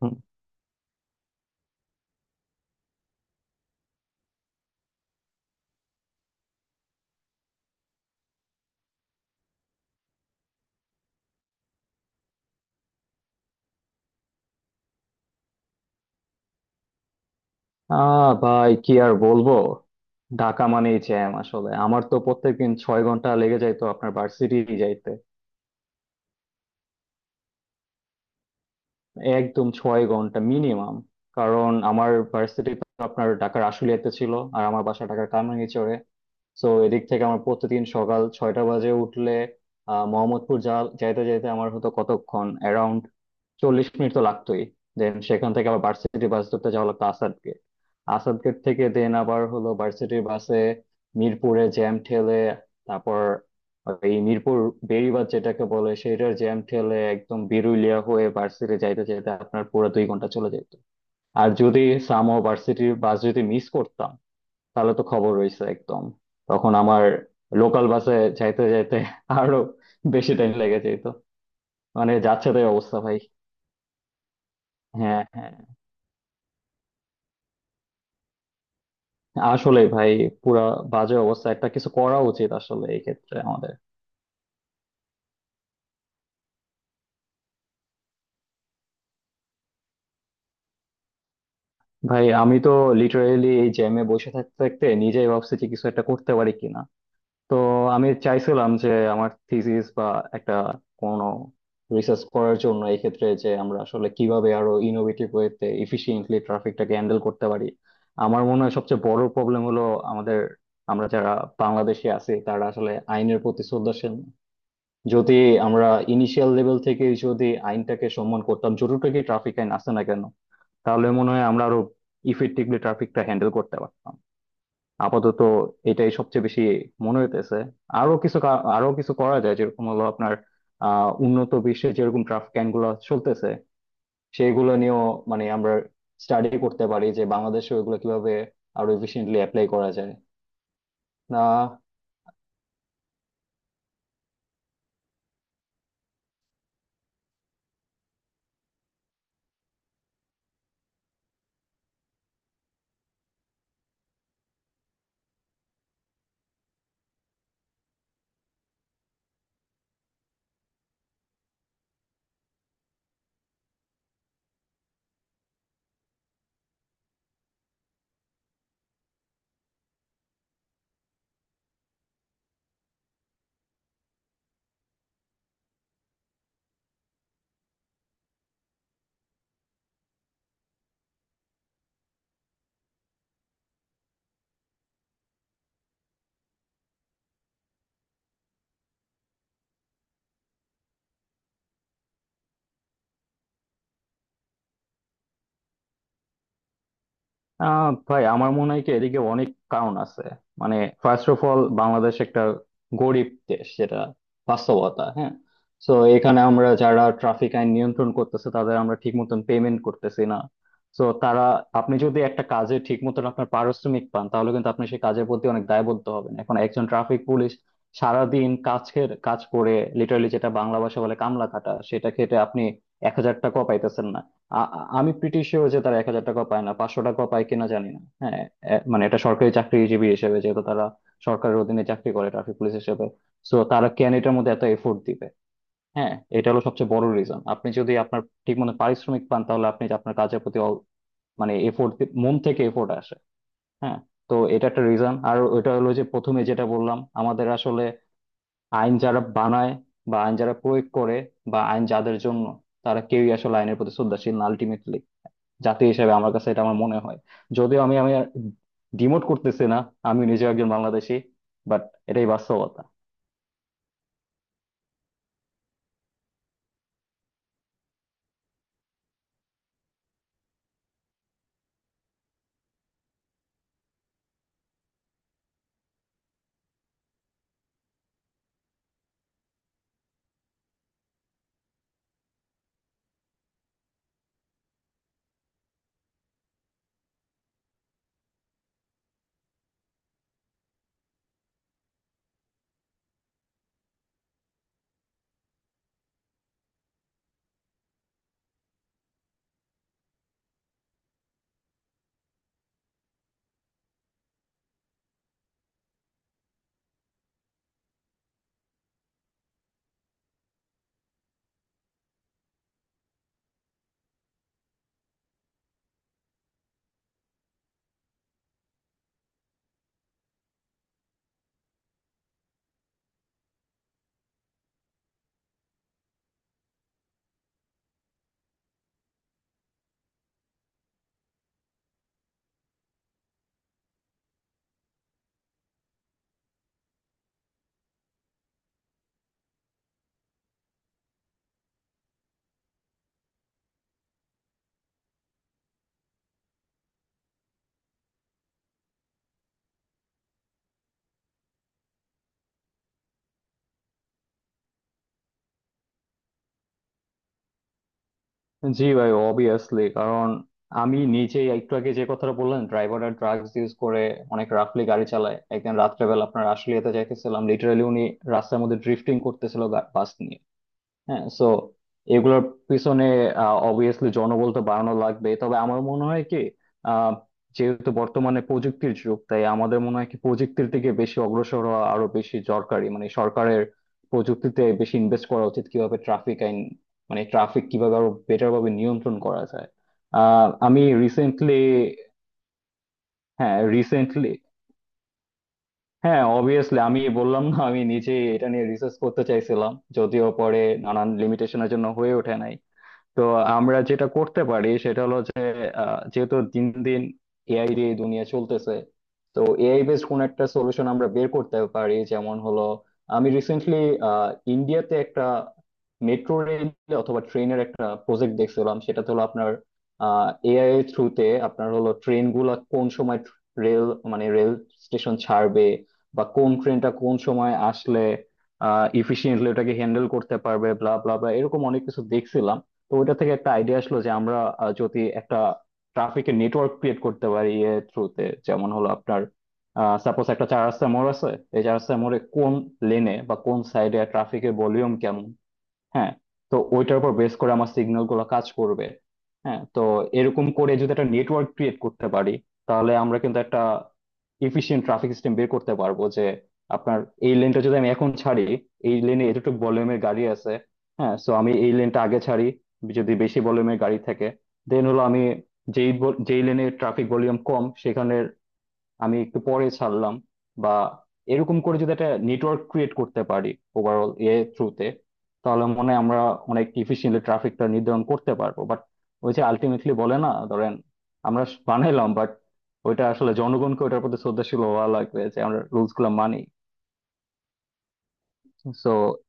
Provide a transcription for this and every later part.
হুম। ভাই কি আর বলবো। ঢাকা মানেই জ্যাম। আসলে আমার তো প্রত্যেকদিন 6 ঘন্টা লেগে যাইতো আপনার ভার্সিটি যাইতে। একদম 6 ঘন্টা মিনিমাম। কারণ আমার ভার্সিটি তো আপনার ঢাকার আশুলিয়াতে ছিল, আর আমার বাসা ঢাকার কামরাঙ্গীরচরে। তো এদিক থেকে আমার প্রতিদিন সকাল 6টা বাজে উঠলে, মোহাম্মদপুর যা যাইতে যাইতে আমার হতো কতক্ষণ, অ্যারাউন্ড 40 মিনিট তো লাগতোই। দেন সেখান থেকে আবার ভার্সিটি বাস ধরতে যাওয়া লাগতো আসাদ গেট। আসাদ গেট থেকে দেন আবার হলো ভার্সিটির বাসে মিরপুরে জ্যাম ঠেলে, তারপর এই মিরপুর বেড়িবাঁধ যেটাকে বলে, সেটার জ্যাম ঠেলে একদম বিরুলিয়া হয়ে ভার্সিটি যাইতে যাইতে আপনার পুরো 2 ঘন্টা চলে যেত। আর যদি সামো ভার্সিটির বাস যদি মিস করতাম, তাহলে তো খবর রয়েছে একদম। তখন আমার লোকাল বাসে যাইতে যাইতে আরো বেশি টাইম লেগে যেত। মানে যাচ্ছে তাই অবস্থা ভাই। হ্যাঁ, হ্যাঁ, আসলে ভাই পুরা বাজে অবস্থা। একটা কিছু করা উচিত আসলে এই ক্ষেত্রে আমাদের। ভাই আমি তো লিটারেলি এই জ্যামে বসে থাকতে থাকতে নিজেই ভাবছি যে কিছু একটা করতে পারি কিনা। তো আমি চাইছিলাম যে আমার থিসিস বা একটা কোনো রিসার্চ করার জন্য, এই ক্ষেত্রে যে আমরা আসলে কিভাবে আরো ইনোভেটিভ ওয়েতে এফিশিয়েন্টলি ট্রাফিকটাকে হ্যান্ডেল করতে পারি। আমার মনে হয় সবচেয়ে বড় প্রবলেম হলো আমাদের, আমরা যারা বাংলাদেশে আছি, তারা আসলে আইনের প্রতি শ্রদ্ধাশীল না। যদি আমরা ইনিশিয়াল লেভেল থেকে যদি আইনটাকে সম্মান করতাম, যতটুকু ট্রাফিক আইন আছে না কেন, তাহলে মনে হয় আমরা আরো ইফেক্টিভলি ট্রাফিকটা হ্যান্ডেল করতে পারতাম। আপাতত এটাই সবচেয়ে বেশি মনে হইতেছে। আরো কিছু আরো কিছু করা যায়, যেরকম হলো আপনার উন্নত বিশ্বে যেরকম ট্রাফিক আইন গুলো চলতেছে, সেইগুলো নিয়েও মানে আমরা স্টাডি করতে পারি যে বাংলাদেশে ওইগুলো কিভাবে আরো এফিসিয়েন্টলি অ্যাপ্লাই করা যায়। না। ভাই আমার মনে হয় কি এদিকে অনেক কারণ আছে। মানে ফার্স্ট অফ অল বাংলাদেশ একটা গরিব দেশ, যেটা বাস্তবতা, হ্যাঁ। তো এখানে আমরা যারা ট্রাফিক আইন নিয়ন্ত্রণ করতেছে, তাদের আমরা ঠিক মতন পেমেন্ট করতেছি না। তো তারা, আপনি যদি একটা কাজে ঠিক মতন আপনার পারিশ্রমিক পান, তাহলে কিন্তু আপনি সেই কাজের প্রতি অনেক দায়বদ্ধ হবেন। এখন একজন ট্রাফিক পুলিশ সারাদিন কাজ কাজ করে, লিটারালি যেটা বাংলা ভাষা বলে কামলা খাটা, সেটা খেটে আপনি 1,000 টাকাও পাইতেছেন না। আমি প্রিটি শিওর যে তারা 1,000 টাকা পায় না, 500 টাকা পায় কিনা জানি না, হ্যাঁ। মানে এটা সরকারি চাকরিজীবী হিসেবে যেহেতু তারা সরকারের অধীনে চাকরি করে ট্রাফিক পুলিশ হিসেবে, সো তারা কেন এটার মধ্যে এত এফোর্ট দিবে। হ্যাঁ, এটা হলো সবচেয়ে বড় রিজন। আপনি যদি আপনার ঠিক মতো পারিশ্রমিক পান, তাহলে আপনি আপনার কাজের প্রতি মানে এফোর্ট, মন থেকে এফোর্ট আসে, হ্যাঁ। তো এটা একটা রিজন। আর ওইটা হলো যে প্রথমে যেটা বললাম, আমাদের আসলে আইন যারা বানায়, বা আইন যারা প্রয়োগ করে, বা আইন যাদের জন্য, তারা কেউই আসলে আইনের প্রতি শ্রদ্ধাশীল না আলটিমেটলি। জাতি হিসেবে আমার কাছে এটা আমার মনে হয়, যদিও আমি আমি ডিমোট করতেছি না, আমি নিজেও একজন বাংলাদেশী, বাট এটাই বাস্তবতা। জি ভাই, অবভিয়াসলি। কারণ আমি নিজেই, একটু আগে যে কথাটা বললেন ড্রাইভাররা ড্রাগস ইউজ করে, অনেক রাফলি গাড়ি চালায়। একদিন রাত্রেবেলা আপনার আশুলিয়াতে যাইতেছিলাম, লিটারালি উনি রাস্তার মধ্যে ড্রিফটিং করতেছিল বাস নিয়ে। হ্যাঁ, সো এগুলোর পিছনে অবভিয়াসলি জনবল তো বাড়ানো লাগবে, তবে আমার মনে হয় কি, আহ, যেহেতু বর্তমানে প্রযুক্তির যুগ, তাই আমাদের মনে হয় কি প্রযুক্তির দিকে বেশি অগ্রসর হওয়া আরো বেশি দরকারি, মানে সরকারের প্রযুক্তিতে বেশি ইনভেস্ট করা উচিত, কিভাবে ট্রাফিক আইন মানে ট্রাফিক কিভাবে আরো বেটার ভাবে নিয়ন্ত্রণ করা যায়। আমি রিসেন্টলি। হ্যাঁ রিসেন্টলি, হ্যাঁ অবভিয়াসলি। আমি বললাম না আমি নিজে এটা নিয়ে রিসার্চ করতে চাইছিলাম, যদিও পরে নানান লিমিটেশনের জন্য হয়ে ওঠে নাই। তো আমরা যেটা করতে পারি সেটা হলো যে, যেহেতু দিন দিন এআই দিয়ে এই দুনিয়া চলতেছে, তো এআই বেসড কোন একটা সলিউশন আমরা বের করতে পারি, যেমন হলো আমি রিসেন্টলি ইন্ডিয়াতে একটা মেট্রো রেল অথবা ট্রেনের একটা প্রজেক্ট দেখছিলাম। সেটা হলো আপনার এআই এর থ্রুতে আপনার হলো ট্রেন গুলা কোন সময় রেল মানে রেল স্টেশন ছাড়বে, বা কোন ট্রেনটা কোন সময় আসলে ইফিসিয়েন্টলি ওটাকে হ্যান্ডেল করতে পারবে, ব্লা ব্লা ব্লা, এরকম অনেক কিছু দেখছিলাম। তো ওইটা থেকে একটা আইডিয়া আসলো যে আমরা যদি একটা ট্রাফিকের নেটওয়ার্ক ক্রিয়েট করতে পারি এর থ্রুতে, যেমন হলো আপনার সাপোজ একটা চার রাস্তা মোড় আছে, এই চার রাস্তা মোড়ে কোন লেনে বা কোন সাইডে ট্রাফিকের ভলিউম কেমন, হ্যাঁ, তো ওইটার উপর বেস করে আমার সিগন্যাল গুলো কাজ করবে। হ্যাঁ, তো এরকম করে যদি একটা নেটওয়ার্ক ক্রিয়েট করতে পারি, তাহলে আমরা কিন্তু একটা এফিশিয়েন্ট ট্রাফিক সিস্টেম বের করতে পারবো, যে আপনার এই লেনটা যদি আমি এখন ছাড়ি, এই লেনে এতটুকু ভলিউমের গাড়ি আছে, হ্যাঁ, সো আমি এই লেনটা আগে ছাড়ি যদি বেশি ভলিউমের গাড়ি থাকে। দেন হলো আমি যেই লেনে ট্রাফিক ভলিউম কম, সেখানে আমি একটু পরে ছাড়লাম। বা এরকম করে যদি একটা নেটওয়ার্ক ক্রিয়েট করতে পারি ওভারঅল এ থ্রুতে, তাহলে মনে হয় আমরা অনেক ইফিসিয়েন্টলি ট্রাফিকটা নির্ধারণ করতে পারবো। বাট ওই যে আলটিমেটলি বলে না, ধরেন আমরা বানাইলাম, বাট ওইটা আসলে জনগণকে ওটার প্রতি শ্রদ্ধাশীল হওয়া লাগবে যে আমরা রুলস গুলা মানি। So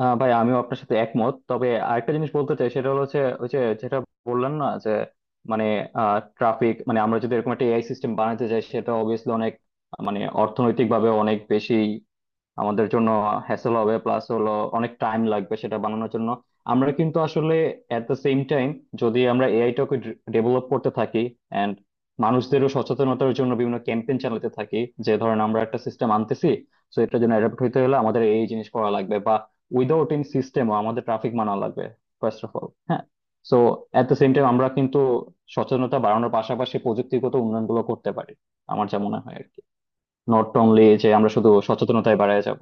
ভাই আমিও আপনার সাথে একমত। তবে আরেকটা জিনিস বলতে চাই, সেটা হলো যে ওই যে যেটা বললেন না যে মানে ট্রাফিক মানে আমরা যদি এরকম একটা এআই সিস্টেম বানাতে চাই, সেটা অবভিয়াসলি অনেক মানে অর্থনৈতিক ভাবে অনেক বেশি আমাদের জন্য হ্যাসেল হবে, প্লাস হলো অনেক টাইম লাগবে সেটা বানানোর জন্য। আমরা কিন্তু আসলে এট দ্য সেম টাইম, যদি আমরা এআইটাকে ডেভেলপ করতে থাকি এন্ড মানুষদেরও সচেতনতার জন্য বিভিন্ন ক্যাম্পেইন চালাতে থাকি, যে ধরেন আমরা একটা সিস্টেম আনতেছি, তো এটার জন্য অ্যাডাপ্ট হতে হলে আমাদের এই জিনিস করা লাগবে, বা উইদাউট ইন সিস্টেমও আমাদের ট্রাফিক মানা লাগবে ফার্স্ট অফ অল, হ্যাঁ। So at the same time আমরা কিন্তু সচেতনতা বাড়ানোর পাশাপাশি প্রযুক্তিগত উন্নয়নগুলো করতে পারি, আমার যা মনে হয় আর কি, নট অনলি যে আমরা শুধু সচেতনতায় বাড়ায় যাব।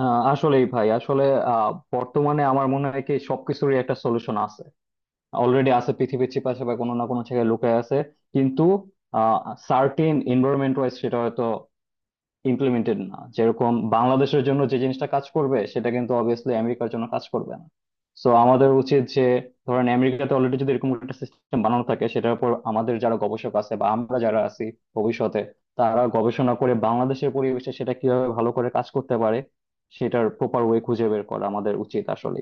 আসলেই ভাই আসলে, আহ, বর্তমানে আমার মনে হয় কি সবকিছুরই একটা সলিউশন আছে, অলরেডি আছে পৃথিবীর চিপাশে বা কোনো না কোনো জায়গায় লুকায় আছে। কিন্তু সার্টিন এনভায়রনমেন্ট ওয়াইজ সেটা হয়তো ইমপ্লিমেন্টেড না। যেরকম বাংলাদেশের জন্য যে জিনিসটা কাজ করবে, সেটা কিন্তু অবভিয়াসলি আমেরিকার জন্য কাজ করবে না। সো আমাদের উচিত যে, ধরেন আমেরিকাতে অলরেডি যদি এরকম একটা সিস্টেম বানানো থাকে, সেটার উপর আমাদের যারা গবেষক আছে বা আমরা যারা আছি ভবিষ্যতে, তারা গবেষণা করে বাংলাদেশের পরিবেশে সেটা কিভাবে ভালো করে কাজ করতে পারে, সেটার প্রপার ওয়ে খুঁজে বের করা আমাদের উচিত আসলে।